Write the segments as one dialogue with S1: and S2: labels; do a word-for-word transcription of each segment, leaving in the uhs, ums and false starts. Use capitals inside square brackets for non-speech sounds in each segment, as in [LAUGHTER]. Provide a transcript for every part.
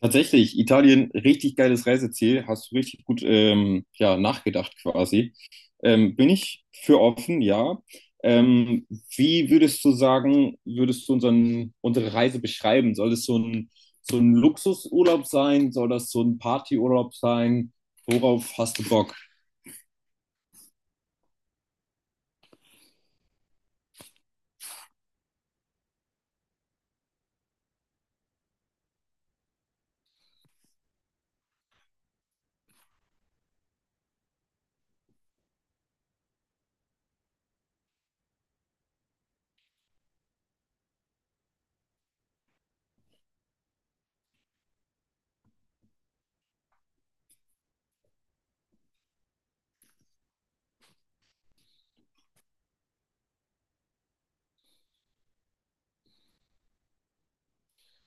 S1: Tatsächlich, Italien, richtig geiles Reiseziel. Hast du richtig gut ähm, ja, nachgedacht quasi. Ähm, bin ich für offen, ja. Ähm, Wie würdest du sagen, würdest du unseren, unsere Reise beschreiben? Soll es so ein, so ein Luxusurlaub sein? Soll das so ein Partyurlaub sein? Worauf hast du Bock?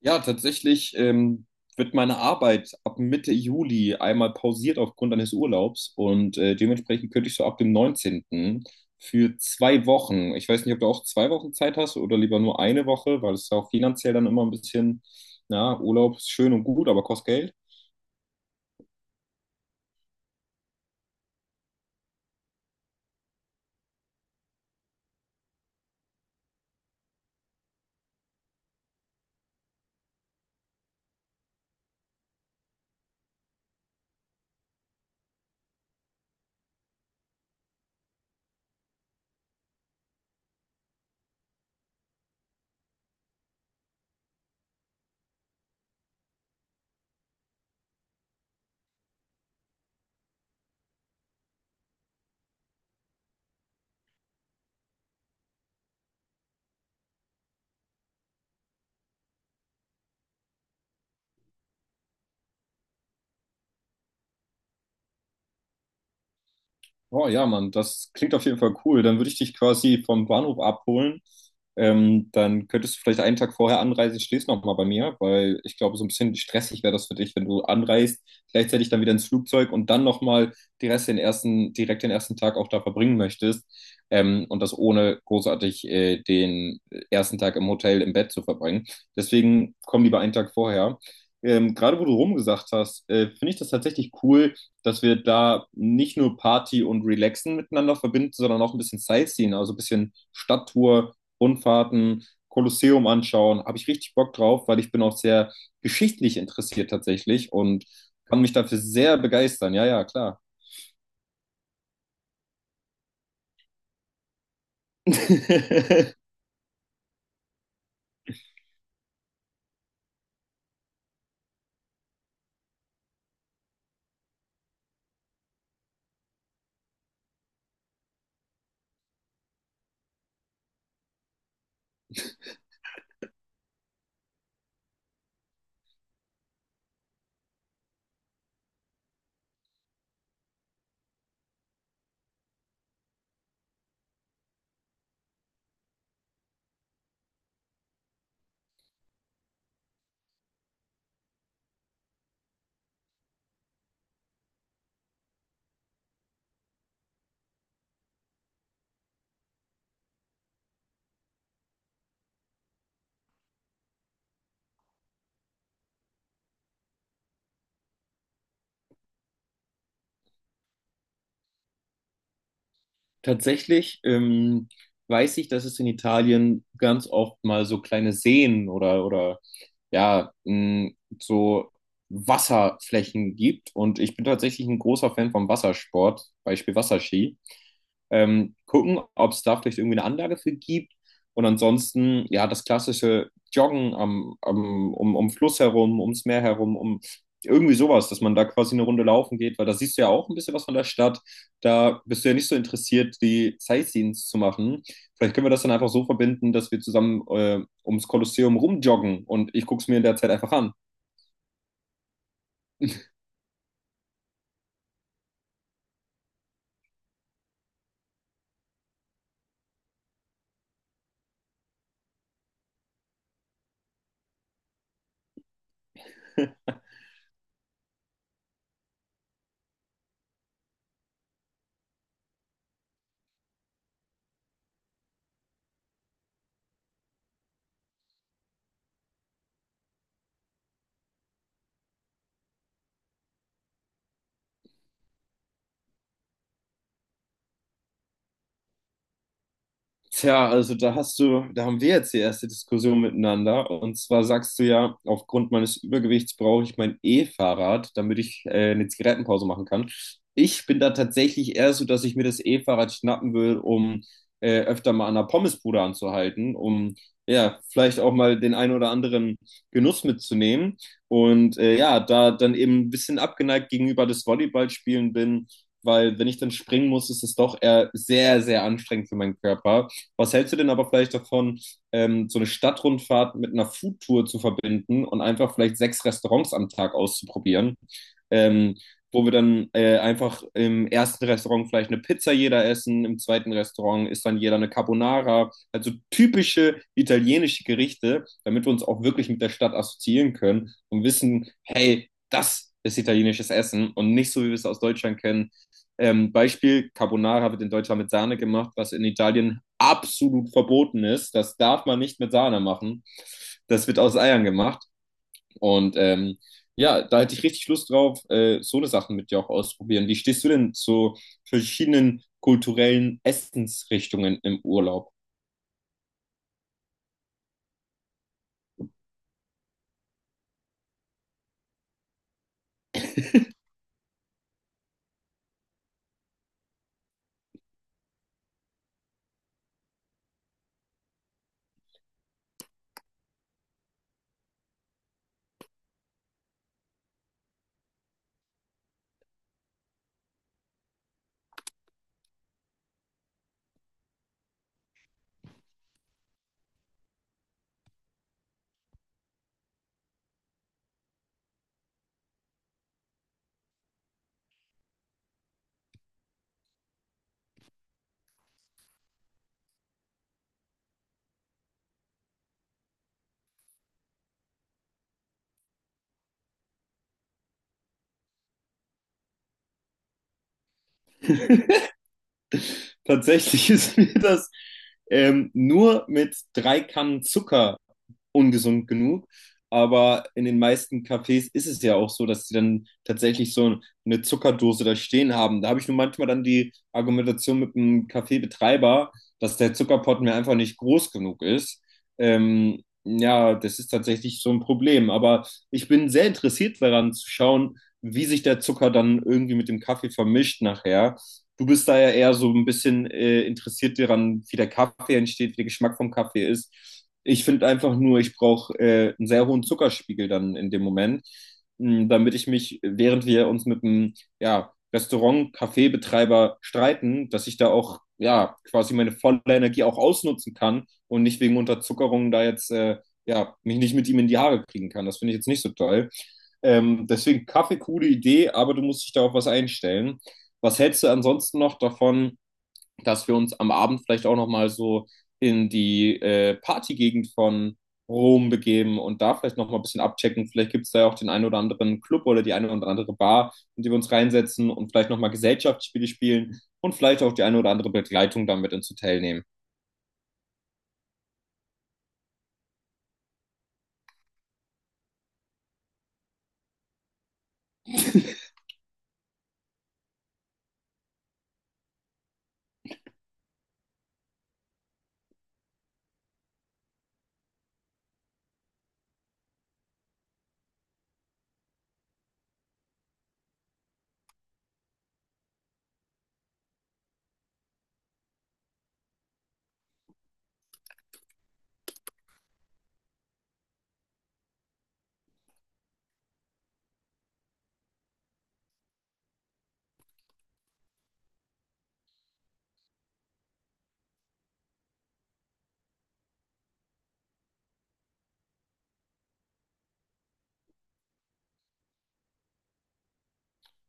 S1: Ja, tatsächlich ähm, wird meine Arbeit ab Mitte Juli einmal pausiert aufgrund eines Urlaubs und äh, dementsprechend könnte ich so ab dem neunzehnten für zwei Wochen. Ich weiß nicht, ob du auch zwei Wochen Zeit hast oder lieber nur eine Woche, weil es ja auch finanziell dann immer ein bisschen, na, Urlaub ist schön und gut, aber kostet Geld. Oh ja, Mann, das klingt auf jeden Fall cool. Dann würde ich dich quasi vom Bahnhof abholen. Ähm, dann könntest du vielleicht einen Tag vorher anreisen, stehst noch mal bei mir, weil ich glaube, so ein bisschen stressig wäre das für dich, wenn du anreist, gleichzeitig dann wieder ins Flugzeug und dann noch mal die Rest den ersten, direkt den ersten Tag auch da verbringen möchtest. Ähm, und das ohne großartig äh, den ersten Tag im Hotel im Bett zu verbringen. Deswegen komm lieber einen Tag vorher. Ähm, gerade wo du rumgesagt hast, äh, finde ich das tatsächlich cool, dass wir da nicht nur Party und Relaxen miteinander verbinden, sondern auch ein bisschen Sightseeing, also ein bisschen Stadttour, Rundfahrten, Kolosseum anschauen. Habe ich richtig Bock drauf, weil ich bin auch sehr geschichtlich interessiert tatsächlich und kann mich dafür sehr begeistern. Ja, ja, klar. [LAUGHS] Tatsächlich ähm, weiß ich, dass es in Italien ganz oft mal so kleine Seen oder, oder ja, mh, so Wasserflächen gibt. Und ich bin tatsächlich ein großer Fan vom Wassersport, Beispiel Wasserski. Ähm, gucken, ob es da vielleicht irgendwie eine Anlage für gibt. Und ansonsten, ja, das klassische Joggen am, am, um, um Fluss herum, ums Meer herum, um irgendwie sowas, dass man da quasi eine Runde laufen geht, weil da siehst du ja auch ein bisschen was von der Stadt. Da bist du ja nicht so interessiert, die Sightseeings zu machen. Vielleicht können wir das dann einfach so verbinden, dass wir zusammen äh, ums Kolosseum rumjoggen und ich gucke es mir in der Zeit einfach an. [LAUGHS] Tja, also da hast du, da haben wir jetzt die erste Diskussion miteinander. Und zwar sagst du ja, aufgrund meines Übergewichts brauche ich mein E-Fahrrad, damit ich äh, eine Zigarettenpause machen kann. Ich bin da tatsächlich eher so, dass ich mir das E-Fahrrad schnappen will, um äh, öfter mal an der Pommesbude anzuhalten, um ja, vielleicht auch mal den einen oder anderen Genuss mitzunehmen. Und äh, ja, da dann eben ein bisschen abgeneigt gegenüber des Volleyballspielen bin, weil wenn ich dann springen muss, ist es doch eher sehr, sehr anstrengend für meinen Körper. Was hältst du denn aber vielleicht davon, ähm, so eine Stadtrundfahrt mit einer Foodtour zu verbinden und einfach vielleicht sechs Restaurants am Tag auszuprobieren? Ähm, Wo wir dann äh, einfach im ersten Restaurant vielleicht eine Pizza jeder essen, im zweiten Restaurant ist dann jeder eine Carbonara, also typische italienische Gerichte, damit wir uns auch wirklich mit der Stadt assoziieren können und wissen, hey, das ist italienisches Essen und nicht so, wie wir es aus Deutschland kennen, ähm, Beispiel, Carbonara wird in Deutschland mit Sahne gemacht, was in Italien absolut verboten ist. Das darf man nicht mit Sahne machen. Das wird aus Eiern gemacht. Und ähm, ja, da hätte ich richtig Lust drauf, äh, so eine Sachen mit dir auch ausprobieren. Wie stehst du denn zu verschiedenen kulturellen Essensrichtungen im Urlaub? Tatsächlich [LAUGHS] ist mir das ähm, nur mit drei Kannen Zucker ungesund genug. Aber in den meisten Cafés ist es ja auch so, dass sie dann tatsächlich so eine Zuckerdose da stehen haben. Da habe ich nur manchmal dann die Argumentation mit dem Kaffeebetreiber, dass der Zuckerpott mir einfach nicht groß genug ist. Ähm, ja, das ist tatsächlich so ein Problem. Aber ich bin sehr interessiert daran zu schauen, wie sich der Zucker dann irgendwie mit dem Kaffee vermischt nachher. Du bist da ja eher so ein bisschen äh, interessiert daran, wie der Kaffee entsteht, wie der Geschmack vom Kaffee ist. Ich finde einfach nur, ich brauche äh, einen sehr hohen Zuckerspiegel dann in dem Moment, mh, damit ich mich, während wir uns mit einem ja, Restaurant-Kaffeebetreiber streiten, dass ich da auch ja quasi meine volle Energie auch ausnutzen kann und nicht wegen Unterzuckerung da jetzt äh, ja mich nicht mit ihm in die Haare kriegen kann. Das finde ich jetzt nicht so toll. Ähm, deswegen Kaffee, coole Idee, aber du musst dich da auf was einstellen. Was hältst du ansonsten noch davon, dass wir uns am Abend vielleicht auch noch mal so in die äh, Partygegend von Rom begeben und da vielleicht noch mal ein bisschen abchecken? Vielleicht gibt es da ja auch den einen oder anderen Club oder die eine oder andere Bar, in die wir uns reinsetzen und vielleicht noch mal Gesellschaftsspiele spielen und vielleicht auch die eine oder andere Begleitung damit ins Hotel nehmen.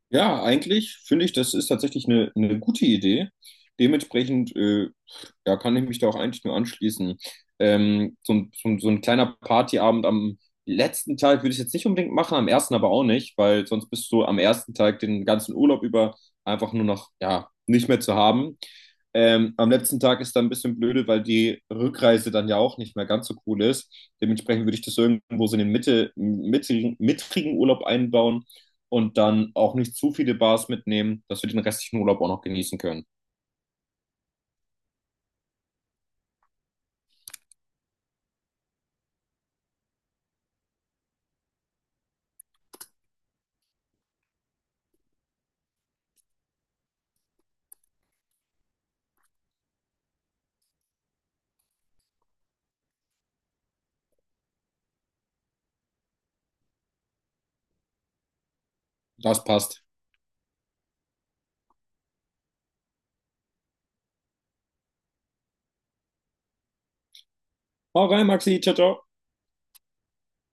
S1: Ja, eigentlich finde ich, das ist tatsächlich eine, eine gute Idee. Dementsprechend äh, ja, kann ich mich da auch eigentlich nur anschließen. Ähm, so, ein- so, ein- so ein kleiner Partyabend am letzten Tag würde ich jetzt nicht unbedingt machen, am ersten aber auch nicht, weil sonst bist du am ersten Tag den ganzen Urlaub über einfach nur noch, ja, nicht mehr zu haben. Ähm, am letzten Tag ist dann ein bisschen blöde, weil die Rückreise dann ja auch nicht mehr ganz so cool ist. Dementsprechend würde ich das irgendwo so in den Mitte, mittigen, mittigen Urlaub einbauen und dann auch nicht zu viele Bars mitnehmen, dass wir den restlichen Urlaub auch noch genießen können. Das passt. Hau rein, Maxi. Ciao, ciao.